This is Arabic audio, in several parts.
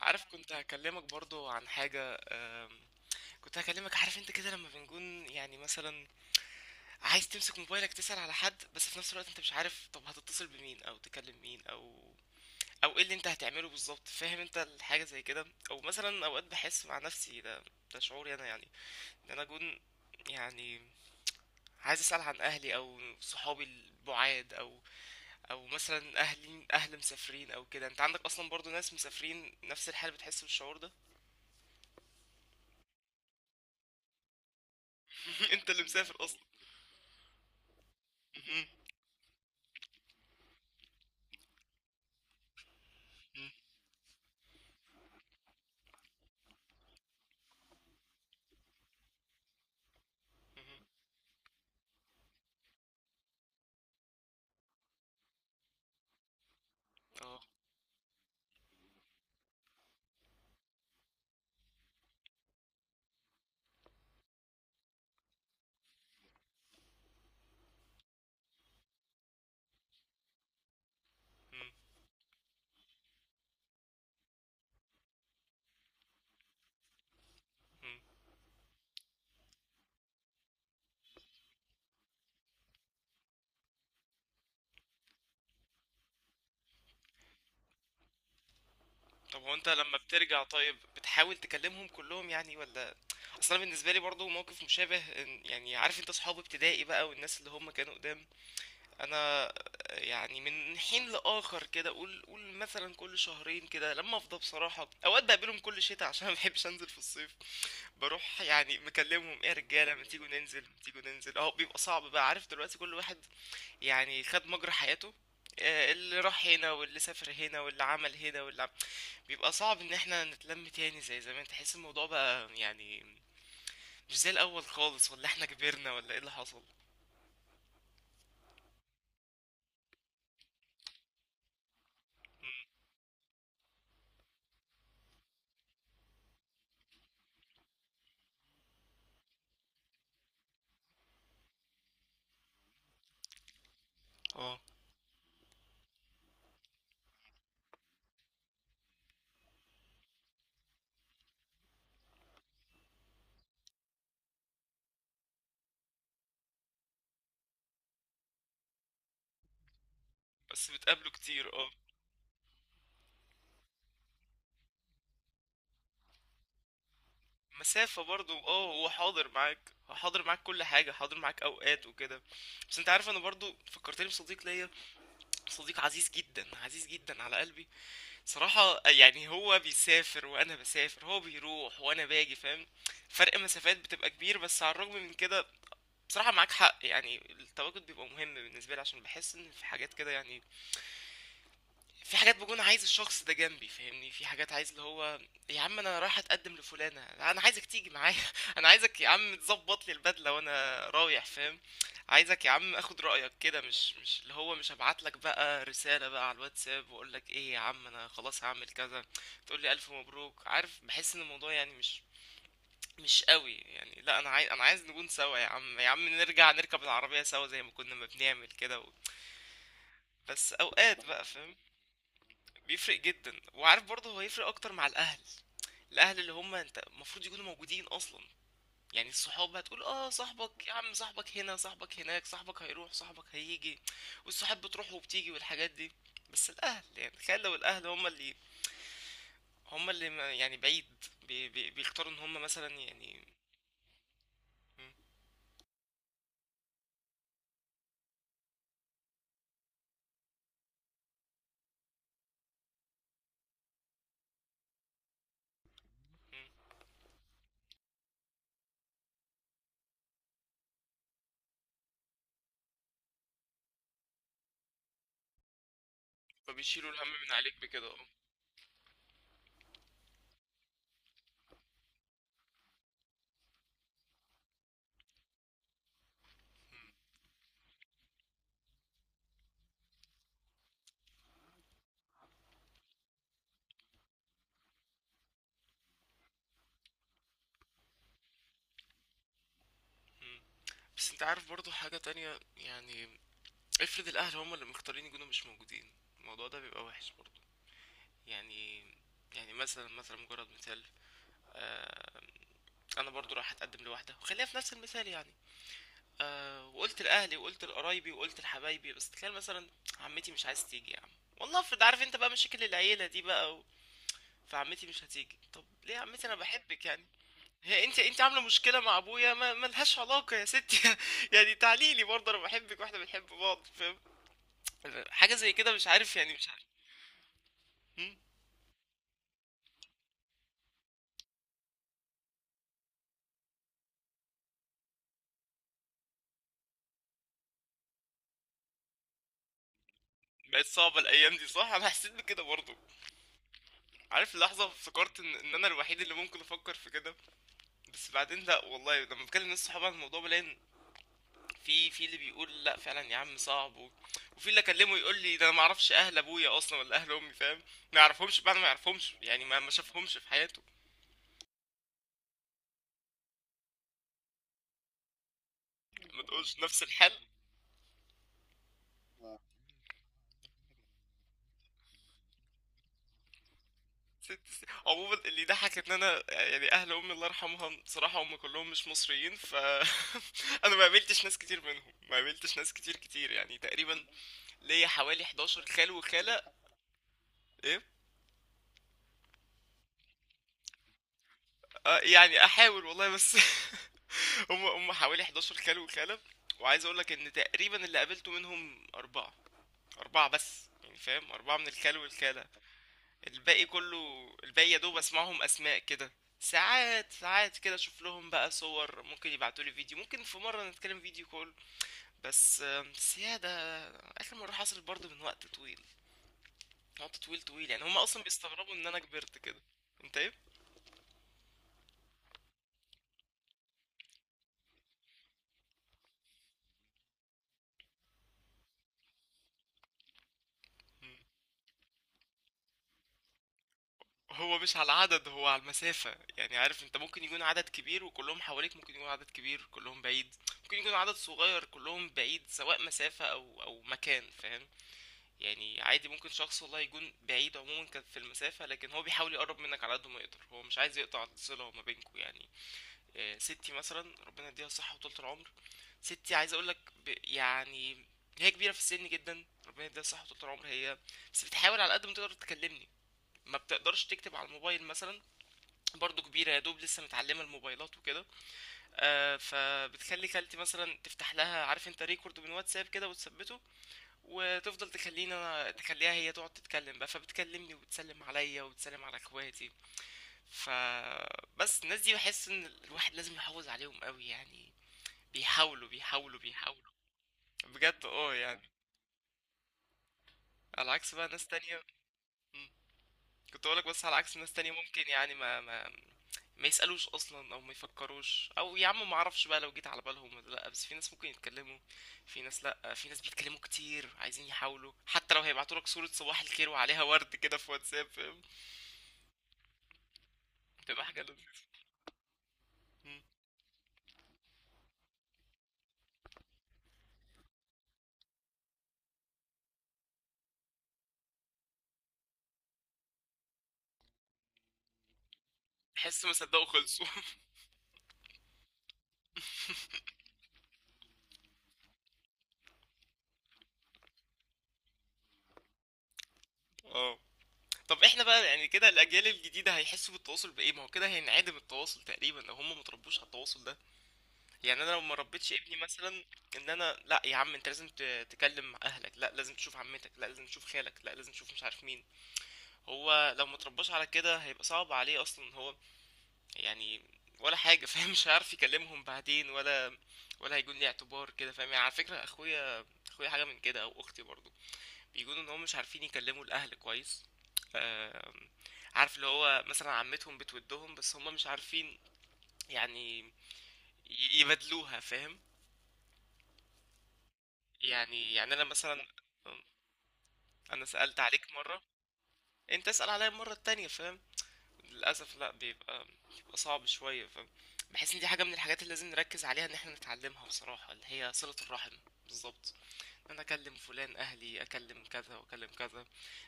عارف كنت هكلمك برضو عن حاجة كنت هكلمك. عارف انت كده لما بنكون يعني مثلا عايز تمسك موبايلك تسأل على حد، بس في نفس الوقت انت مش عارف طب هتتصل بمين او تكلم مين او ايه اللي انت هتعمله بالظبط. فاهم انت الحاجة زي كده؟ او مثلا اوقات بحس مع نفسي. ده شعوري انا يعني، ان انا اكون يعني عايز اسأل عن اهلي او صحابي البعاد، او مثلا اهلي اهل مسافرين او كده. انت عندك اصلا برضو ناس مسافرين، نفس الحال بتحس بالشعور ده. انت اللي مسافر. اهم. اهم. اهم. آه. إمم. إمم. طب هو أنت لمّا بترجع، طيب بتحاول تكلمهم كلّهم يعني والّا؟ أصل أنا بالنسبة لي برضه موقف مشابه، إن يعني عارف أنت صحاب ابتدائي بقى والناس اللي هم كانوا قدام، أنا يعني من حين لآخر كده، قُل مثلًا كل شهرين كده لمّا أفضى بصراحة. أوقات باقابلهم كل شتا عشان ما باحبش أنزل في الصيف، باروح يعني مكلمهم إيه يا رجالة ما تيجوا ننزل، ما تيجوا ننزل. أهو بيبقى صعب بقى، عارف دلوقتي كل واحد يعني خد مجرى حياته. آه، اللي راح هنا واللي سافر هنا واللي عمل هنا بيبقى صعب ان احنا نتلم تاني زي زمان. تحس الموضوع بقى يعني مش زي الاول خالص. ولا احنا كبرنا ولا ايه اللي حصل؟ اه، بس بتقابله كتير اه. مسافة برضو اه، هو حاضر معاك. هو حاضر معاك، كل حاجة حاضر معاك اوقات وكده. بس انت عارف، انا برضو فكرتني بصديق ليا. صديق عزيز جدا، عزيز جدا على قلبي صراحة. يعني هو بيسافر وأنا بسافر، هو بيروح وأنا باجي فاهم. فرق مسافات بتبقى كبير، بس على الرغم من كده بصراحة معاك حق. يعني التواجد بيبقى مهم بالنسبة لي، عشان بحس إن في حاجات كده يعني. في حاجات بكون عايز الشخص ده جنبي فاهمني. في حاجات عايز اللي هو يا عم انا رايح اتقدم لفلانه، انا عايزك تيجي معايا. انا عايزك يا عم تظبط لي البدله وانا رايح فاهم. عايزك يا عم اخد رايك كده، مش اللي هو مش هبعت لك بقى رساله بقى على الواتساب واقول لك ايه يا عم انا خلاص هعمل كذا، تقول لي الف مبروك. عارف بحس ان الموضوع يعني مش قوي يعني. لا انا عايز، انا عايز نكون سوا يا عم. يا عم نرجع نركب العربيه سوا زي ما كنا ما بنعمل كده بس اوقات بقى فاهم. بيفرق جدا، وعارف برضه هو هيفرق اكتر مع الاهل. الاهل اللي هم انت المفروض يكونوا موجودين اصلا. يعني الصحاب هتقول اه صاحبك يا عم، صاحبك هنا صاحبك هناك، صاحبك هيروح صاحبك هيجي، والصحاب بتروح وبتيجي والحاجات دي. بس الاهل يعني تخيل لو الاهل هم اللي، يعني بعيد، بي بي بيختاروا ان هم مثلا يعني. م- م- فبيشيلوا الهم من عليك بكده اه. م. بس انت عارف برضه حاجة تانية يعني. افرض الاهل هم اللي مختارين يكونوا مش موجودين، الموضوع ده بيبقى وحش برضه. يعني يعني مثلا، مثلا مجرد مثال. آه، انا برضو راح اتقدم لواحده وخليها في نفس المثال يعني. آه، وقلت لاهلي وقلت لقرايبي وقلت لحبايبي، بس تخيل مثلا عمتي مش عايز تيجي يا عم. والله افرض عارف انت بقى مشاكل العيله دي بقى فعمتي مش هتيجي. طب ليه يا عمتي انا بحبك يعني؟ هي انت عامله مشكله مع ابويا، ما ملهاش علاقه يا ستي. يعني تعالي لي برضه، انا بحبك واحنا بنحب بعض فاهم. حاجه زي كده مش عارف يعني، مش عارف. هم؟ بقت صعبه الايام دي صح. انا حسيت بكده برضه. عارف اللحظة افتكرت ان ان انا الوحيد اللي ممكن افكر في كده. بس بعدين لا، والله لما بكلم ناس صحابي عن الموضوع بلاقي إن في، في اللي بيقول لا فعلا يا عم صعب وفي اللي اكلمه يقول لي ده انا ما اعرفش اهل ابويا اصلا ولا اهل امي فاهم. ما يعرفهمش، بعد ما يعرفهمش يعني ما شافهمش في حياته. ما تقولش نفس الحال. ست سنين. عموما اللي ضحك ان انا يعني اهل امي الله يرحمها صراحة هم كلهم مش مصريين. ف انا ما قابلتش ناس كتير منهم. ما قابلتش ناس كتير كتير يعني. تقريبا ليا حوالي 11 خال وخالة. ايه آه، يعني احاول والله بس. هم هم حوالي 11 كلب وكلب. وعايز اقول لك ان تقريبا اللي قابلته منهم اربعة. اربعة بس يعني فاهم، اربعة من الكلب والكلة. الباقي كله، الباقي يا دوب اسمعهم اسماء كده. ساعات، ساعات كده اشوف لهم بقى صور، ممكن يبعتوا لي فيديو، ممكن في مرة نتكلم فيديو كول. بس بس يا ده اخر مرة حصل برضه من وقت طويل. وقت طويل طويل يعني، هم اصلا بيستغربوا ان انا كبرت كده. انت ايه؟ هو مش على العدد، هو على المسافة يعني. عارف انت ممكن يكون عدد كبير وكلهم حواليك، ممكن يكون عدد كبير كلهم بعيد، ممكن يكون عدد صغير كلهم بعيد، سواء مسافة او او مكان فاهم. يعني عادي ممكن شخص والله يكون بعيد، عموما كان في المسافة، لكن هو بيحاول يقرب منك على قد ما يقدر. هو مش عايز يقطع الصلة ما بينكوا يعني. آه، ستي مثلا ربنا يديها الصحة وطولة العمر. ستي عايز اقولك يعني هي كبيرة في السن جدا، ربنا يديها الصحة وطولة العمر. هي بس بتحاول على قد ما تقدر تكلمني. ما بتقدرش تكتب على الموبايل مثلا، برضو كبيرة يا دوب لسه متعلمة الموبايلات وكده. آه، فبتخلي خالتي مثلا تفتح لها عارف انت ريكورد من واتساب كده وتثبته، وتفضل تخليني انا، تخليها هي تقعد تتكلم بقى. فبتكلمني وتسلم عليا وتسلم على اخواتي. فبس الناس دي بحس ان الواحد لازم يحافظ عليهم قوي يعني. بيحاولوا. بجد اه يعني. على عكس بقى ناس تانية. كنت اقولك بس على عكس ناس تانية، ممكن يعني ما يسألوش اصلا، او ما يفكروش، او يا عم ما اعرفش بقى لو جيت على بالهم ولا لا. بس في ناس ممكن يتكلموا. في ناس لا، في ناس بيتكلموا كتير عايزين يحاولوا، حتى لو هيبعتوا لك صورة صباح الخير وعليها ورد كده في واتساب فاهم. بتبقى حاجة لذيذة. مم. تحس ما صدقوا خلصوا. اه. طب احنا بقى يعني كده الاجيال الجديدة هيحسوا بالتواصل بايه؟ ما هو كده هينعدم التواصل تقريبا لو هم متربوش على التواصل ده. يعني انا لو ما ربيتش ابني مثلا، ان انا لا يا عم انت لازم تكلم اهلك، لا لازم تشوف عمتك، لا لازم تشوف خالك، لا لازم تشوف مش عارف مين، هو لو ما ترباش على كده هيبقى صعب عليه اصلا هو يعني ولا حاجه. فاهم مش هيعرف يكلمهم بعدين، ولا ولا هيكون ليه اعتبار كده فاهم يعني. على فكره اخويا، اخويا حاجه من كده او اختي برضو، بيكونوا ان هم مش عارفين يكلموا الاهل كويس. آم، عارف اللي هو مثلا عمتهم بتودهم بس هم مش عارفين يعني يبادلوها فاهم. يعني يعني انا مثلا، انا سألت عليك مرة، انت اسأل عليا المرة التانية فاهم. للأسف لا، بيبقى، بيبقى صعب شوية فاهم. بحس ان دي حاجة من الحاجات اللي لازم نركز عليها ان احنا نتعلمها بصراحة، اللي هي صلة الرحم. بالظبط. ان انا اكلم فلان اهلي، اكلم كذا واكلم كذا.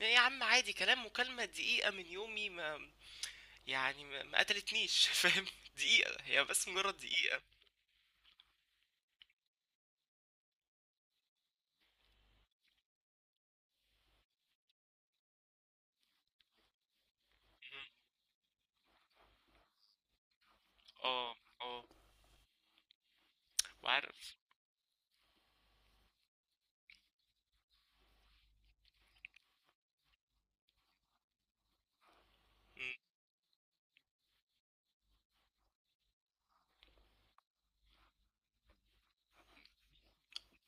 يعني يا عم عادي كلام، مكالمة دقيقة من يومي ما، يعني ما قتلتنيش. فاهم، دقيقة هي بس، مجرد دقيقة. اه اه وعارف.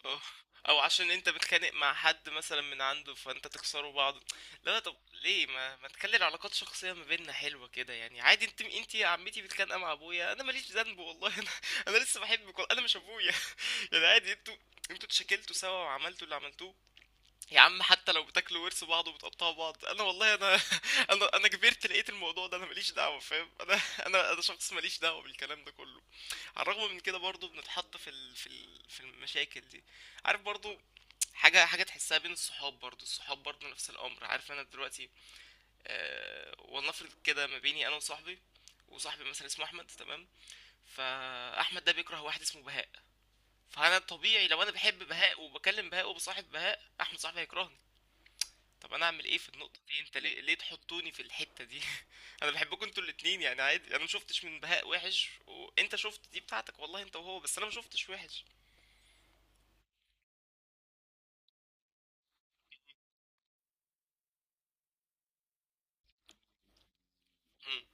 آه. أو عشان أنت بتتخانق مع حد مثلًا من عنده فأنت تكسروا بعض، اللي هو طب ليه ما تخلّي العلاقات الشخصية ما بيننا حلوة كده يعني؟ عادي أنتِ يا عمتي متخانقة مع أبويا، أنا ما ليش ذنب والله. أنا أنا لسه باحبِك، والله أنا مش أبويا. يعني عادي أنتم، أنتم اتشكلتوا سوا وعملتوا اللي عملتوه، يا عم حتى لو بتاكلوا ورث بعض وبتقطعوا بعض، أنا والله أنا أنا كبرت لقيت الموضوع ده، أنا ما ليش دعوة فاهم. أنا شخص ما ليش دعوة بالكلام ده كله. على الرغم من كده برضه بنتحط في ال في ال في المشاكل دي. عارف برضه، حاجة تحسها بين الصحاب برضو. الصحاب برضو نفس الأمر. عارف أنا دلوقتي أه، ولنفرض كده ما بيني أنا وصاحبي، وصاحبي مثلا اسمه أحمد تمام، فأحمد ده بيكره واحد اسمه بهاء. فأنا طبيعي لو أنا بحب بهاء وبكلم بهاء وبصاحب بهاء، أحمد صاحبي هيكرهني. طب أنا أعمل إيه في النقطة دي؟ أنت ليه, تحطوني في الحتة دي. أنا بحبكم أنتوا الاتنين يعني عادي. أنا مشوفتش من بهاء وحش، وأنت شفت دي بتاعتك والله أنت وهو، بس أنا مشوفتش وحش. مم.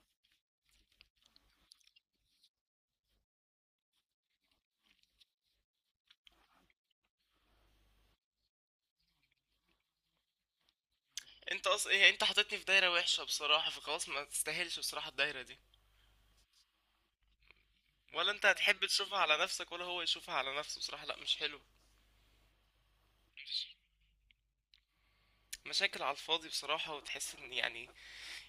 أنت أصلا إيه؟ أنت حاططني في دايرة وحشة بصراحة، فخلاص ما تستاهلش بصراحة الدايرة دي. ولا انت هتحب تشوفها على نفسك، ولا هو يشوفها على نفسه. بصراحة لا مش حلو. مشاكل على الفاضي بصراحة. وتحس ان يعني،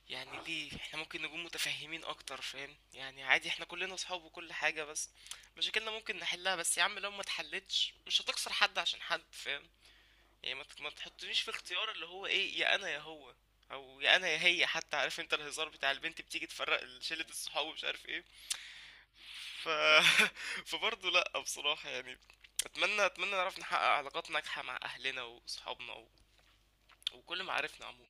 يعني ليه احنا ممكن نكون متفهمين اكتر فاهم يعني؟ عادي احنا كلنا اصحاب وكل حاجة، بس مشاكلنا ممكن نحلها. بس يا عم لو ما اتحلتش مش هتخسر حد عشان حد فاهم. يعني ما تحطنيش في اختيار اللي هو ايه، يا انا يا هو، او يا انا يا هي. حتى عارف انت الهزار بتاع البنت بتيجي تفرق شلة الصحاب ومش عارف ايه. ف فبرضه لأ بصراحة يعني. أتمنى نعرف نحقق علاقات ناجحة مع أهلنا وصحابنا وكل معارفنا عموما.